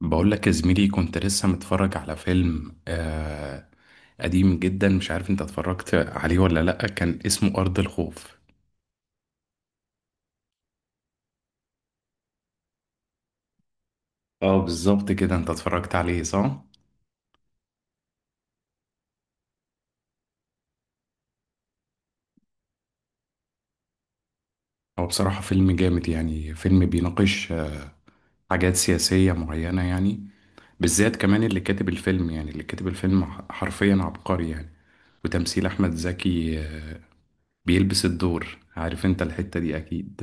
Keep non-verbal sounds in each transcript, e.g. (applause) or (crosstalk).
بقول لك يا زميلي، كنت لسه متفرج على فيلم قديم جدا. مش عارف انت اتفرجت عليه ولا لأ، كان اسمه أرض الخوف. اه بالظبط كده، انت اتفرجت عليه صح؟ هو بصراحة فيلم جامد يعني، فيلم بيناقش حاجات سياسية معينة يعني. بالذات كمان اللي كاتب الفيلم، يعني اللي كاتب الفيلم حرفيا عبقري يعني. وتمثيل أحمد زكي بيلبس الدور، عارف انت الحتة دي أكيد.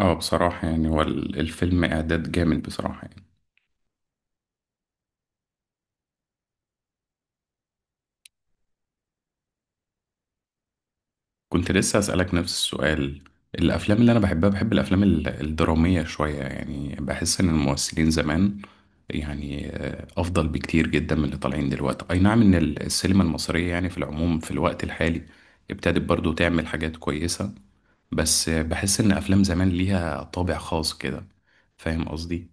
اه بصراحة يعني هو الفيلم إعداد جامد بصراحة يعني. كنت لسه أسألك نفس السؤال. الأفلام اللي أنا بحبها، بحب الأفلام الدرامية شوية. يعني بحس إن الممثلين زمان يعني أفضل بكتير جدا من اللي طالعين دلوقتي. أي نعم إن السينما المصرية يعني في العموم في الوقت الحالي ابتدت برضو تعمل حاجات كويسة، بس بحس إن أفلام زمان ليها طابع خاص كده. فاهم قصدي؟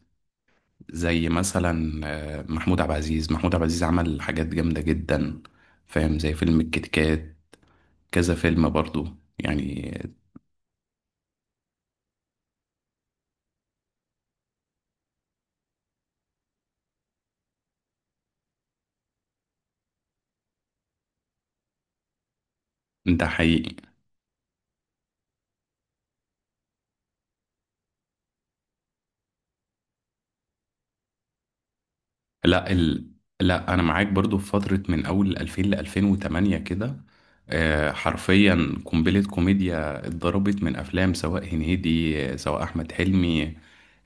زي مثلا محمود عبد العزيز. محمود عبد العزيز عمل حاجات جامدة جدا، فاهم؟ زي فيلم الكيت كات، كذا فيلم برضو يعني. ده حقيقي. لا لا انا معاك برضو. في فترة من اول 2000 ل 2008 كده حرفيا قنبلة كوميديا اتضربت من افلام، سواء هنيدي سواء احمد حلمي.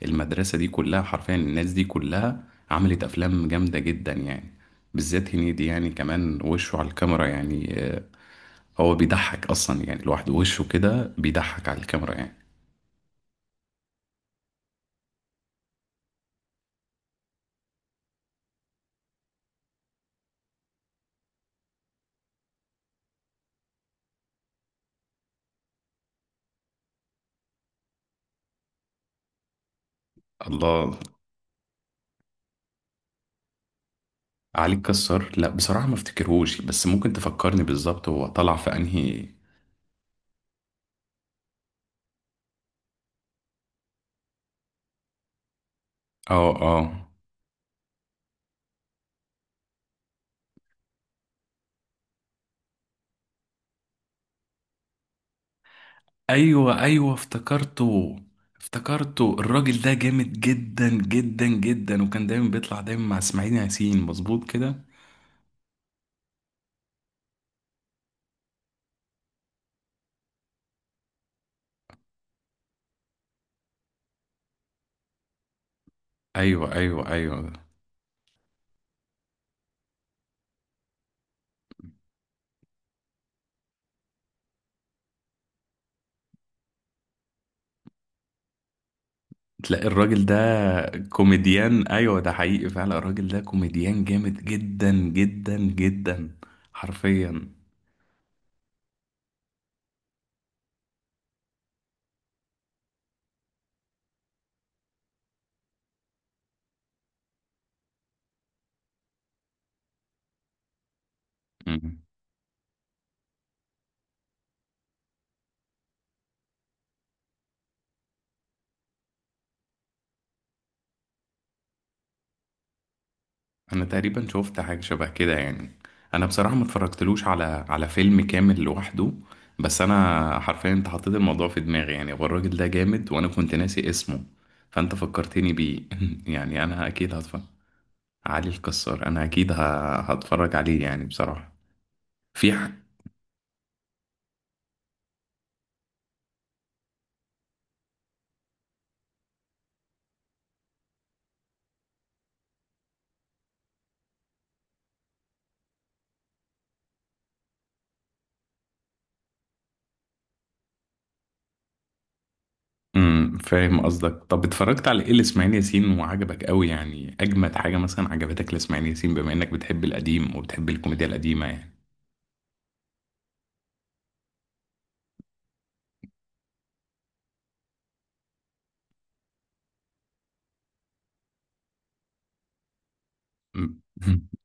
المدرسة دي كلها، حرفيا الناس دي كلها عملت افلام جامدة جدا يعني. بالذات هنيدي يعني، كمان وشه على الكاميرا يعني هو بيضحك اصلا يعني لوحده، وشه كده بيضحك على الكاميرا يعني. الله. علي الكسار، لا بصراحة ما افتكرهوش، بس ممكن تفكرني بالظبط هو طلع في انهي؟ اه اه. ايوه ايوه افتكرته. افتكرته الراجل ده جامد جدا جدا جدا، وكان دايما بيطلع دايما مع اسماعيل ياسين، مظبوط كده. ايوه ايوه ايوه. تلاقي الراجل ده كوميديان. ايوه ده حقيقي فعلا، الراجل ده كوميديان جامد جدا جدا جدا حرفيا. انا تقريبا شفت حاجه شبه كده يعني. انا بصراحه ما اتفرجتلوش على على فيلم كامل لوحده، بس انا حرفيا انت حطيت الموضوع في دماغي. يعني هو الراجل ده جامد، وانا كنت ناسي اسمه، فانت فكرتني بيه. (laughs) يعني انا اكيد هتفرج. علي الكسار، انا اكيد هتفرج عليه يعني بصراحه. في ح... امم. فاهم قصدك. طب اتفرجت على ايه لاسماعيل ياسين وعجبك قوي؟ يعني اجمد حاجه مثلا عجبتك لاسماعيل ياسين، بما انك بتحب القديم وبتحب الكوميديا القديمه يعني. (laughs)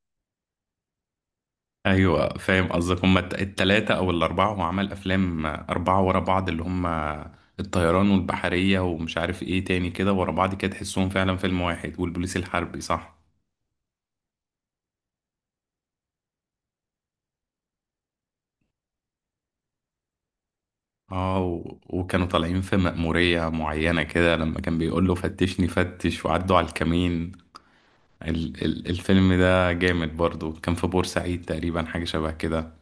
ايوه فاهم قصدك. هما التلاتة او الاربعة، هو عمل افلام اربعة ورا بعض، اللي هما الطيران والبحرية ومش عارف ايه تاني كده ورا بعض كده، تحسهم فعلا فيلم واحد، والبوليس الحربي صح. اه، وكانوا طالعين في مأمورية معينة كده، لما كان بيقول له فتشني فتش وعدوا على الكمين. ال الفيلم ده جامد برضو، كان في بورسعيد تقريبا، حاجة شبه كده.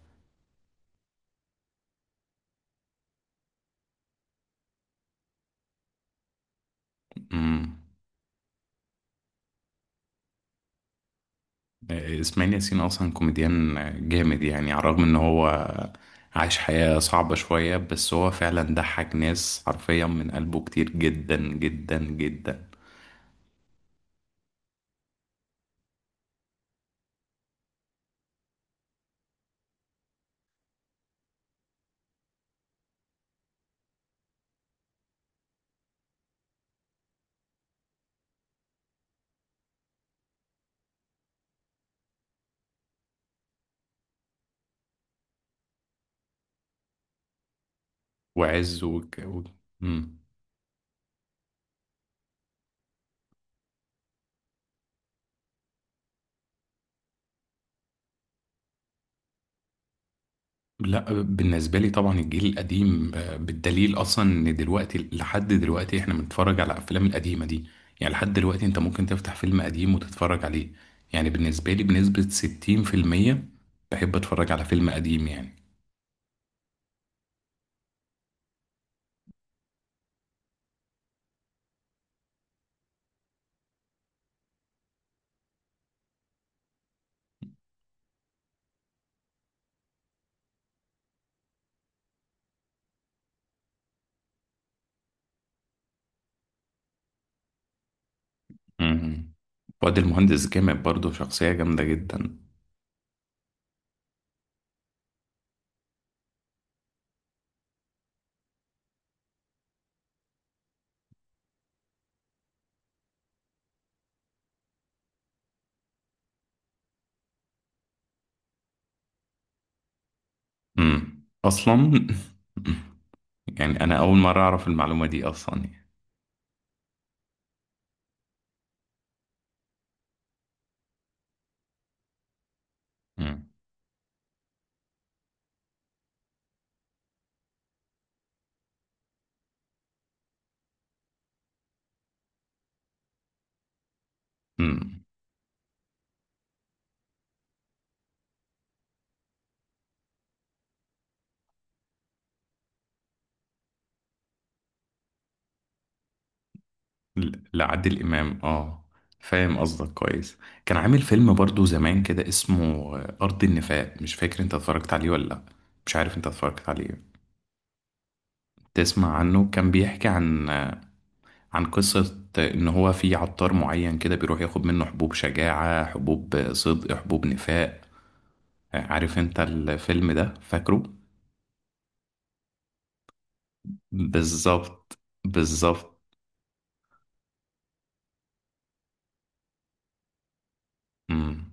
امم. اسماعيل ياسين اصلا كوميديان جامد يعني، على الرغم ان هو عايش حياة صعبة شوية، بس هو فعلا ضحك ناس حرفيا من قلبه كتير جدا جدا جدا. وعز مم. لا بالنسبة لي طبعا الجيل القديم، بالدليل اصلا ان دلوقتي لحد دلوقتي احنا بنتفرج على الافلام القديمة دي. يعني لحد دلوقتي انت ممكن تفتح فيلم قديم وتتفرج عليه. يعني بالنسبة لي بنسبة 60% بحب اتفرج على فيلم قديم يعني. مم. وادي المهندس جامد برضه، شخصية جامدة جدا. مم أصلا. (laughs) يعني أنا أول مرة أعرف المعلومة دي أصلا يعني. مم. مم. لعادل إمام، آه فاهم قصدك كويس. كان عامل فيلم برضه زمان كده اسمه أرض النفاق. مش فاكر أنت اتفرجت عليه ولا لأ، مش عارف أنت اتفرجت عليه تسمع عنه. كان بيحكي عن عن قصة إن هو في عطار معين كده بيروح ياخد منه حبوب شجاعة، حبوب صدق، حبوب نفاق. عارف انت الفيلم ده؟ فاكره؟ بالظبط. بالظبط. امم.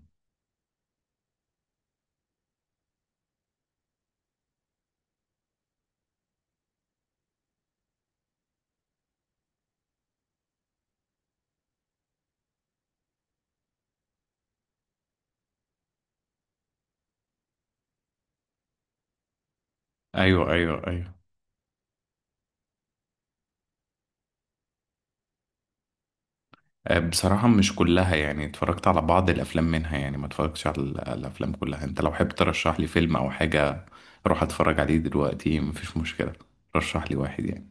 ايوه ايوه ايوه. بصراحة مش كلها يعني، اتفرجت على بعض الافلام منها يعني، ما اتفرجتش على الافلام كلها. انت لو حابب ترشح لي فيلم او حاجة اروح اتفرج عليه دلوقتي، مفيش مشكلة. رشح لي واحد يعني.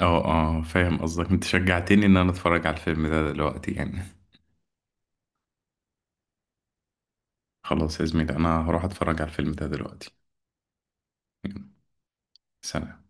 اه اه فاهم قصدك، انت شجعتني ان انا اتفرج على الفيلم ده دلوقتي يعني. (laughs) خلاص يا زميلي، انا هروح اتفرج على الفيلم ده دلوقتي. يلا، سلام.